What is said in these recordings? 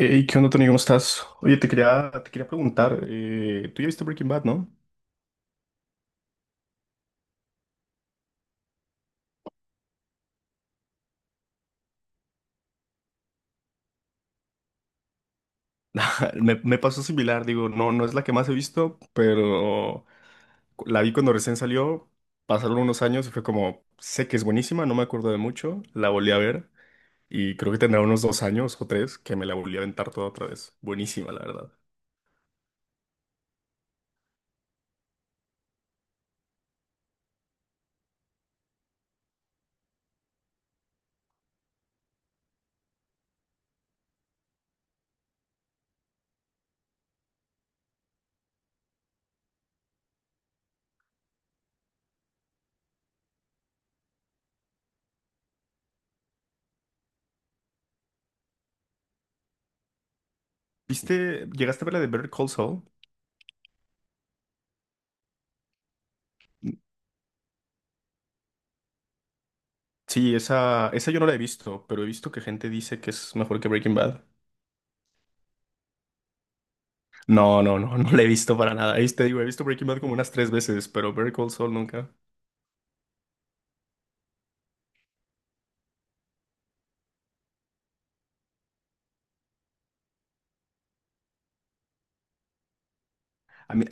Hey, ¿qué onda, Tony? ¿Cómo estás? Oye, te quería preguntar, tú ya viste Breaking Bad, ¿no? Me pasó similar, digo, no, no es la que más he visto, pero la vi cuando recién salió, pasaron unos años y fue como, sé que es buenísima, no me acuerdo de mucho, la volví a ver y creo que tendrá unos dos años o tres que me la volví a aventar toda otra vez. Buenísima, la verdad. ¿Viste, llegaste a ver la de Better Call Saul? Sí, esa yo no la he visto, pero he visto que gente dice que es mejor que Breaking Bad. No, no, no, no la he visto para nada. Ahí te digo, he visto Breaking Bad como unas tres veces, pero Better Call Saul nunca. A mí,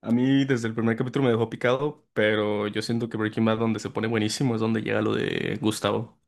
a mí desde el primer capítulo me dejó picado, pero yo siento que Breaking Bad donde se pone buenísimo es donde llega lo de Gustavo.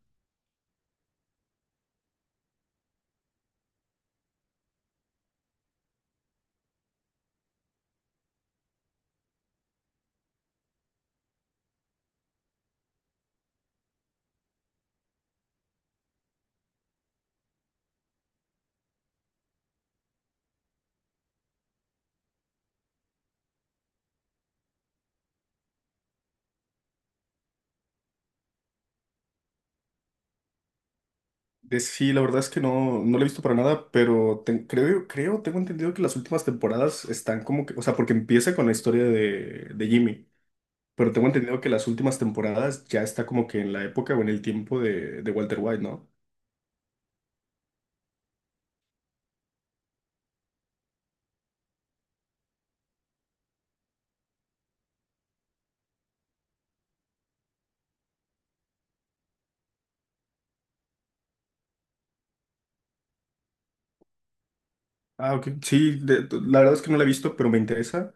Sí, la verdad es que no, no la he visto para nada, pero creo, creo, tengo entendido que las últimas temporadas están como que, o sea, porque empieza con la historia de Jimmy, pero tengo entendido que las últimas temporadas ya está como que en la época o en el tiempo de Walter White, ¿no? Ah, ok. Sí, la verdad es que no la he visto, pero me interesa.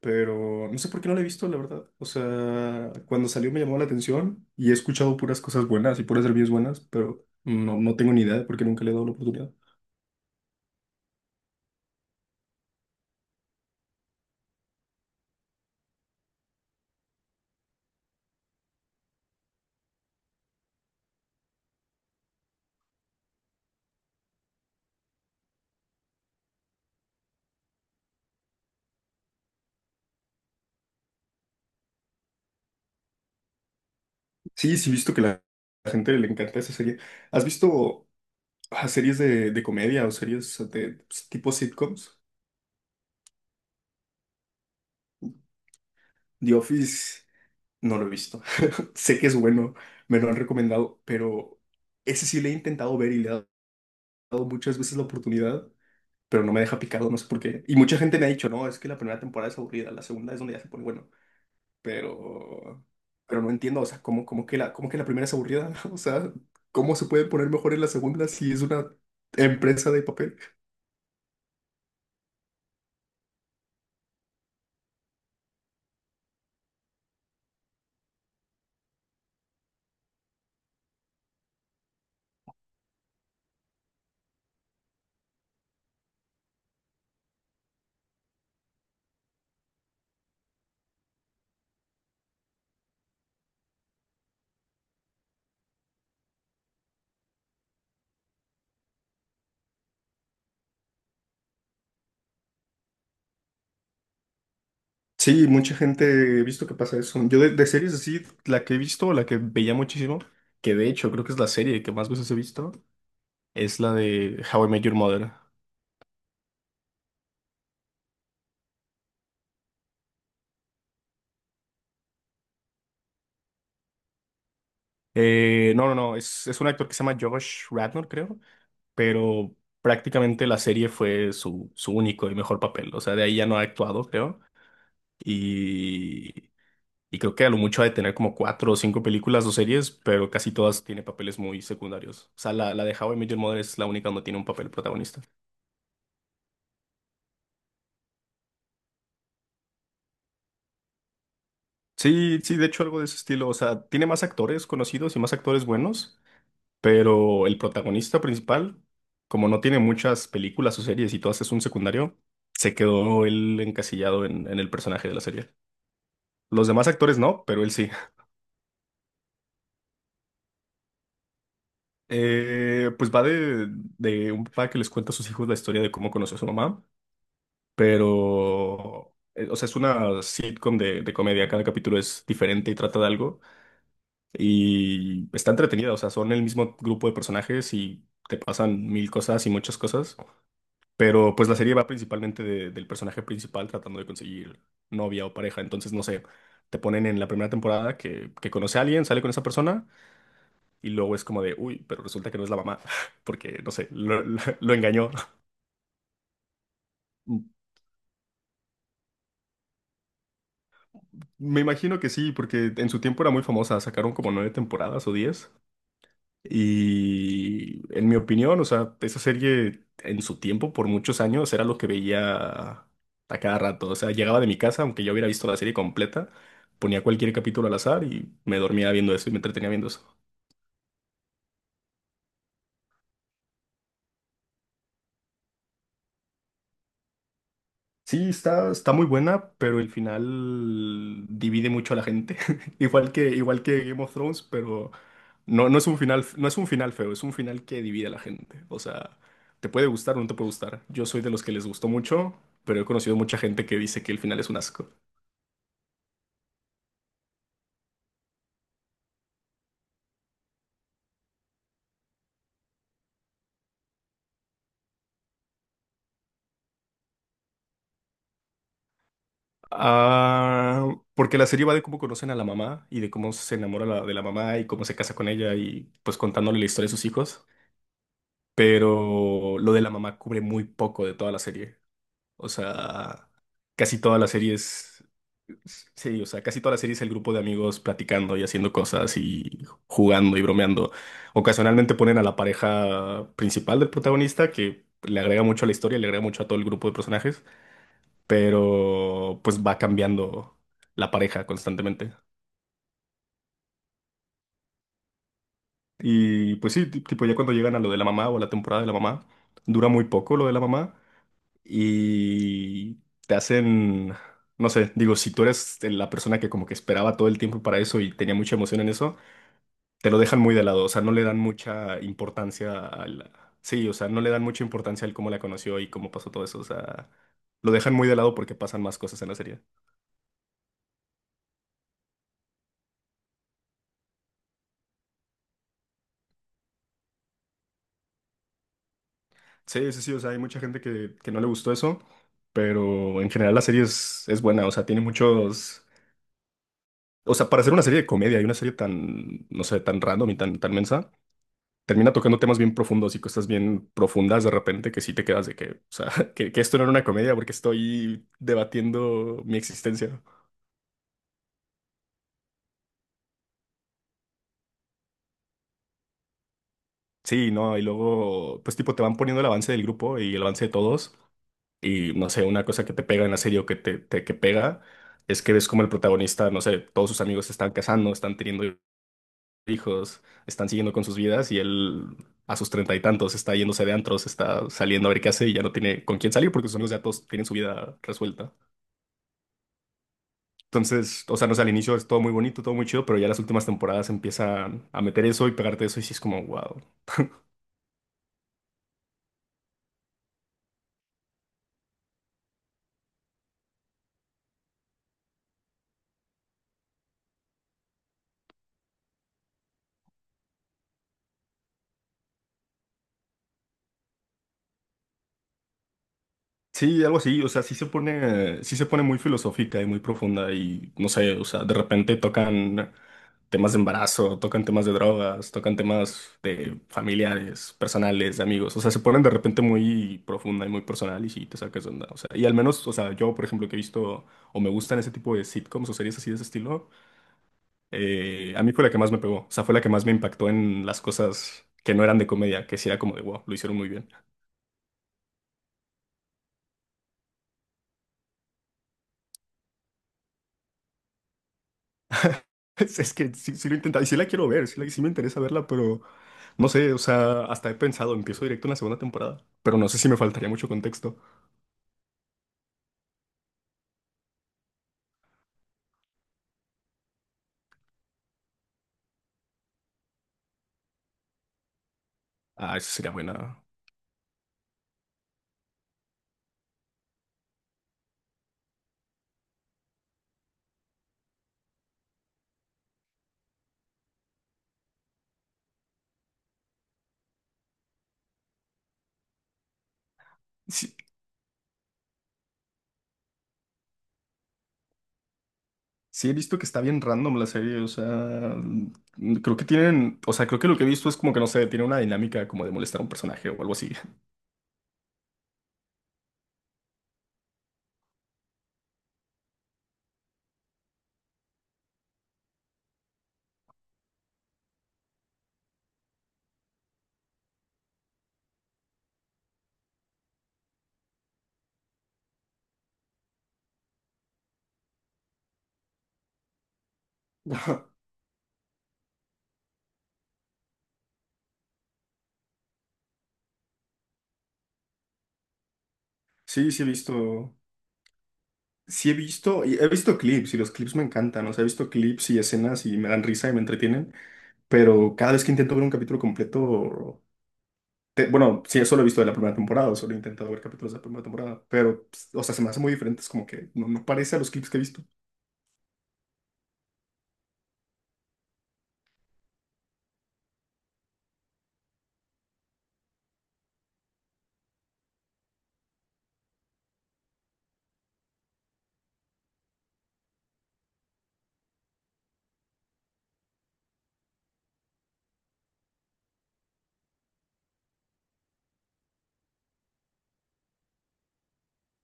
Pero no sé por qué no la he visto, la verdad. O sea, cuando salió me llamó la atención y he escuchado puras cosas buenas y puras reviews buenas, pero no, no tengo ni idea porque nunca le he dado la oportunidad. Sí, sí, he visto que la gente le encanta esa serie. ¿Has visto series de comedia o series de, pues, tipo sitcoms? The Office no lo he visto. Sé que es bueno, me lo han recomendado, pero ese sí le he intentado ver y le he dado muchas veces la oportunidad, pero no me deja picado, no sé por qué. Y mucha gente me ha dicho, no, es que la primera temporada es aburrida, la segunda es donde ya se pone bueno, pero, pero no entiendo, o sea, ¿cómo, cómo que la primera es aburrida? O sea, ¿cómo se puede poner mejor en la segunda si es una empresa de papel? Sí, mucha gente he visto que pasa eso. Yo de series así, la que he visto, la que veía muchísimo, que de hecho creo que es la serie que más veces he visto, es la de How I Met Your Mother. No, no, no, es un actor que se llama Josh Radnor, creo. Pero prácticamente la serie fue su único y mejor papel. O sea, de ahí ya no ha actuado, creo. Y, y creo que a lo mucho ha de tener como cuatro o cinco películas o series, pero casi todas tiene papeles muy secundarios. O sea, la de How I Met Your Mother es la única donde tiene un papel protagonista. Sí, sí, de hecho algo de ese estilo. O sea, tiene más actores conocidos y más actores buenos, pero el protagonista principal, como no tiene muchas películas o series y todas es un secundario, se quedó él encasillado en el personaje de la serie. Los demás actores no, pero él sí. Pues va de un papá que les cuenta a sus hijos la historia de cómo conoció a su mamá, pero, o sea, es una sitcom de comedia, cada capítulo es diferente y trata de algo y está entretenida, o sea, son el mismo grupo de personajes y te pasan mil cosas y muchas cosas, pero pues la serie va principalmente del personaje principal tratando de conseguir novia o pareja, entonces no sé, te ponen en la primera temporada que conoce a alguien, sale con esa persona. Y luego es como de, uy, pero resulta que no es la mamá, porque, no sé, lo engañó. Me imagino que sí, porque en su tiempo era muy famosa, sacaron como nueve temporadas o diez. Y en mi opinión, o sea, esa serie en su tiempo, por muchos años, era lo que veía a cada rato. O sea, llegaba de mi casa, aunque yo hubiera visto la serie completa, ponía cualquier capítulo al azar y me dormía viendo eso y me entretenía viendo eso. Sí, está, está muy buena, pero el final divide mucho a la gente. Igual que Game of Thrones, pero no, no es un final, no es un final feo, es un final que divide a la gente. O sea, te puede gustar o no te puede gustar. Yo soy de los que les gustó mucho, pero he conocido mucha gente que dice que el final es un asco. Ah, porque la serie va de cómo conocen a la mamá y de cómo se enamora de la mamá y cómo se casa con ella y pues contándole la historia de sus hijos. Pero lo de la mamá cubre muy poco de toda la serie. O sea, casi toda la serie es… Sí, o sea, casi toda la serie es el grupo de amigos platicando y haciendo cosas y jugando y bromeando. Ocasionalmente ponen a la pareja principal del protagonista, que le agrega mucho a la historia, le agrega mucho a todo el grupo de personajes, pero pues va cambiando la pareja constantemente. Y pues sí, tipo ya cuando llegan a lo de la mamá o a la temporada de la mamá, dura muy poco lo de la mamá. Y te hacen, no sé, digo, si tú eres la persona que como que esperaba todo el tiempo para eso y tenía mucha emoción en eso, te lo dejan muy de lado, o sea, no le dan mucha importancia al… Sí, o sea, no le dan mucha importancia al cómo la conoció y cómo pasó todo eso, o sea, lo dejan muy de lado porque pasan más cosas en la serie. Sí, sí, sí, o sea, hay mucha gente que no le gustó eso, pero en general la serie es buena, o sea, tiene muchos… O sea, para hacer una serie de comedia y una serie tan, no sé, tan random y tan, tan mensa, termina tocando temas bien profundos y cosas bien profundas de repente que sí te quedas de que, o sea, que esto no era una comedia porque estoy debatiendo mi existencia. Sí, no, y luego, pues tipo, te van poniendo el avance del grupo y el avance de todos. Y no sé, una cosa que te pega en la serie o que te, que pega es que ves como el protagonista, no sé, todos sus amigos se están casando, están teniendo hijos, están siguiendo con sus vidas y él a sus 30 y tantos está yéndose de antros, está saliendo a ver qué hace y ya no tiene con quién salir porque sus amigos ya todos tienen su vida resuelta. Entonces, o sea, no sé, al inicio es todo muy bonito, todo muy chido, pero ya las últimas temporadas empiezan a meter eso y pegarte eso y sí es como, wow. Sí, algo así, o sea, sí se pone muy filosófica y muy profunda y no sé, o sea, de repente tocan temas de embarazo, tocan temas de drogas, tocan temas de familiares, personales, de amigos, o sea, se ponen de repente muy profunda y muy personal y sí te sacas de onda, o sea, y al menos, o sea, yo, por ejemplo, que he visto o me gustan ese tipo de sitcoms o series así de ese estilo, a mí fue la que más me pegó. O sea, fue la que más me impactó en las cosas que no eran de comedia, que sí era como de wow, lo hicieron muy bien. Es que sí, sí lo he intentado y sí la quiero ver, sí, sí me interesa verla, pero no sé, o sea, hasta he pensado, empiezo directo en la segunda temporada, pero no sé si me faltaría mucho contexto. Ah, eso sería buena. Sí, sí he visto que está bien random la serie, o sea, mm, creo que tienen, o sea, creo que lo que he visto es como que no sé, tiene una dinámica como de molestar a un personaje o algo así. Sí, sí he visto. Sí he visto, y he visto clips y los clips me encantan, o sea, he visto clips y escenas y me dan risa y me entretienen, pero cada vez que intento ver un capítulo completo, bueno, sí, solo he visto de la primera temporada, solo he intentado ver capítulos de la primera temporada, pero, pues, o sea, se me hace muy diferente, es como que no, no parece a los clips que he visto,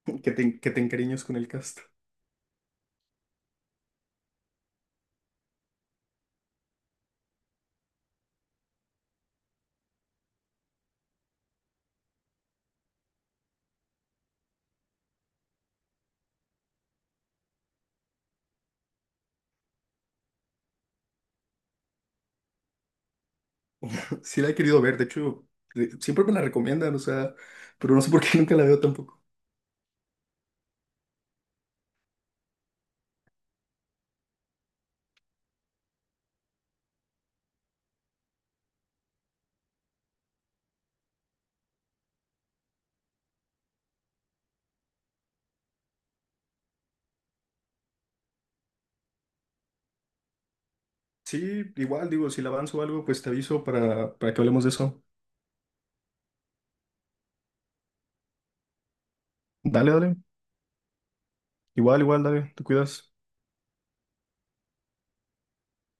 que te encariñas con el cast. Sí la he querido ver, de hecho, siempre me la recomiendan, o sea, pero no sé por qué nunca la veo tampoco. Sí, igual, digo, si la avanzo o algo, pues te aviso para que hablemos de eso. Dale, dale, igual, igual, dale, te cuidas.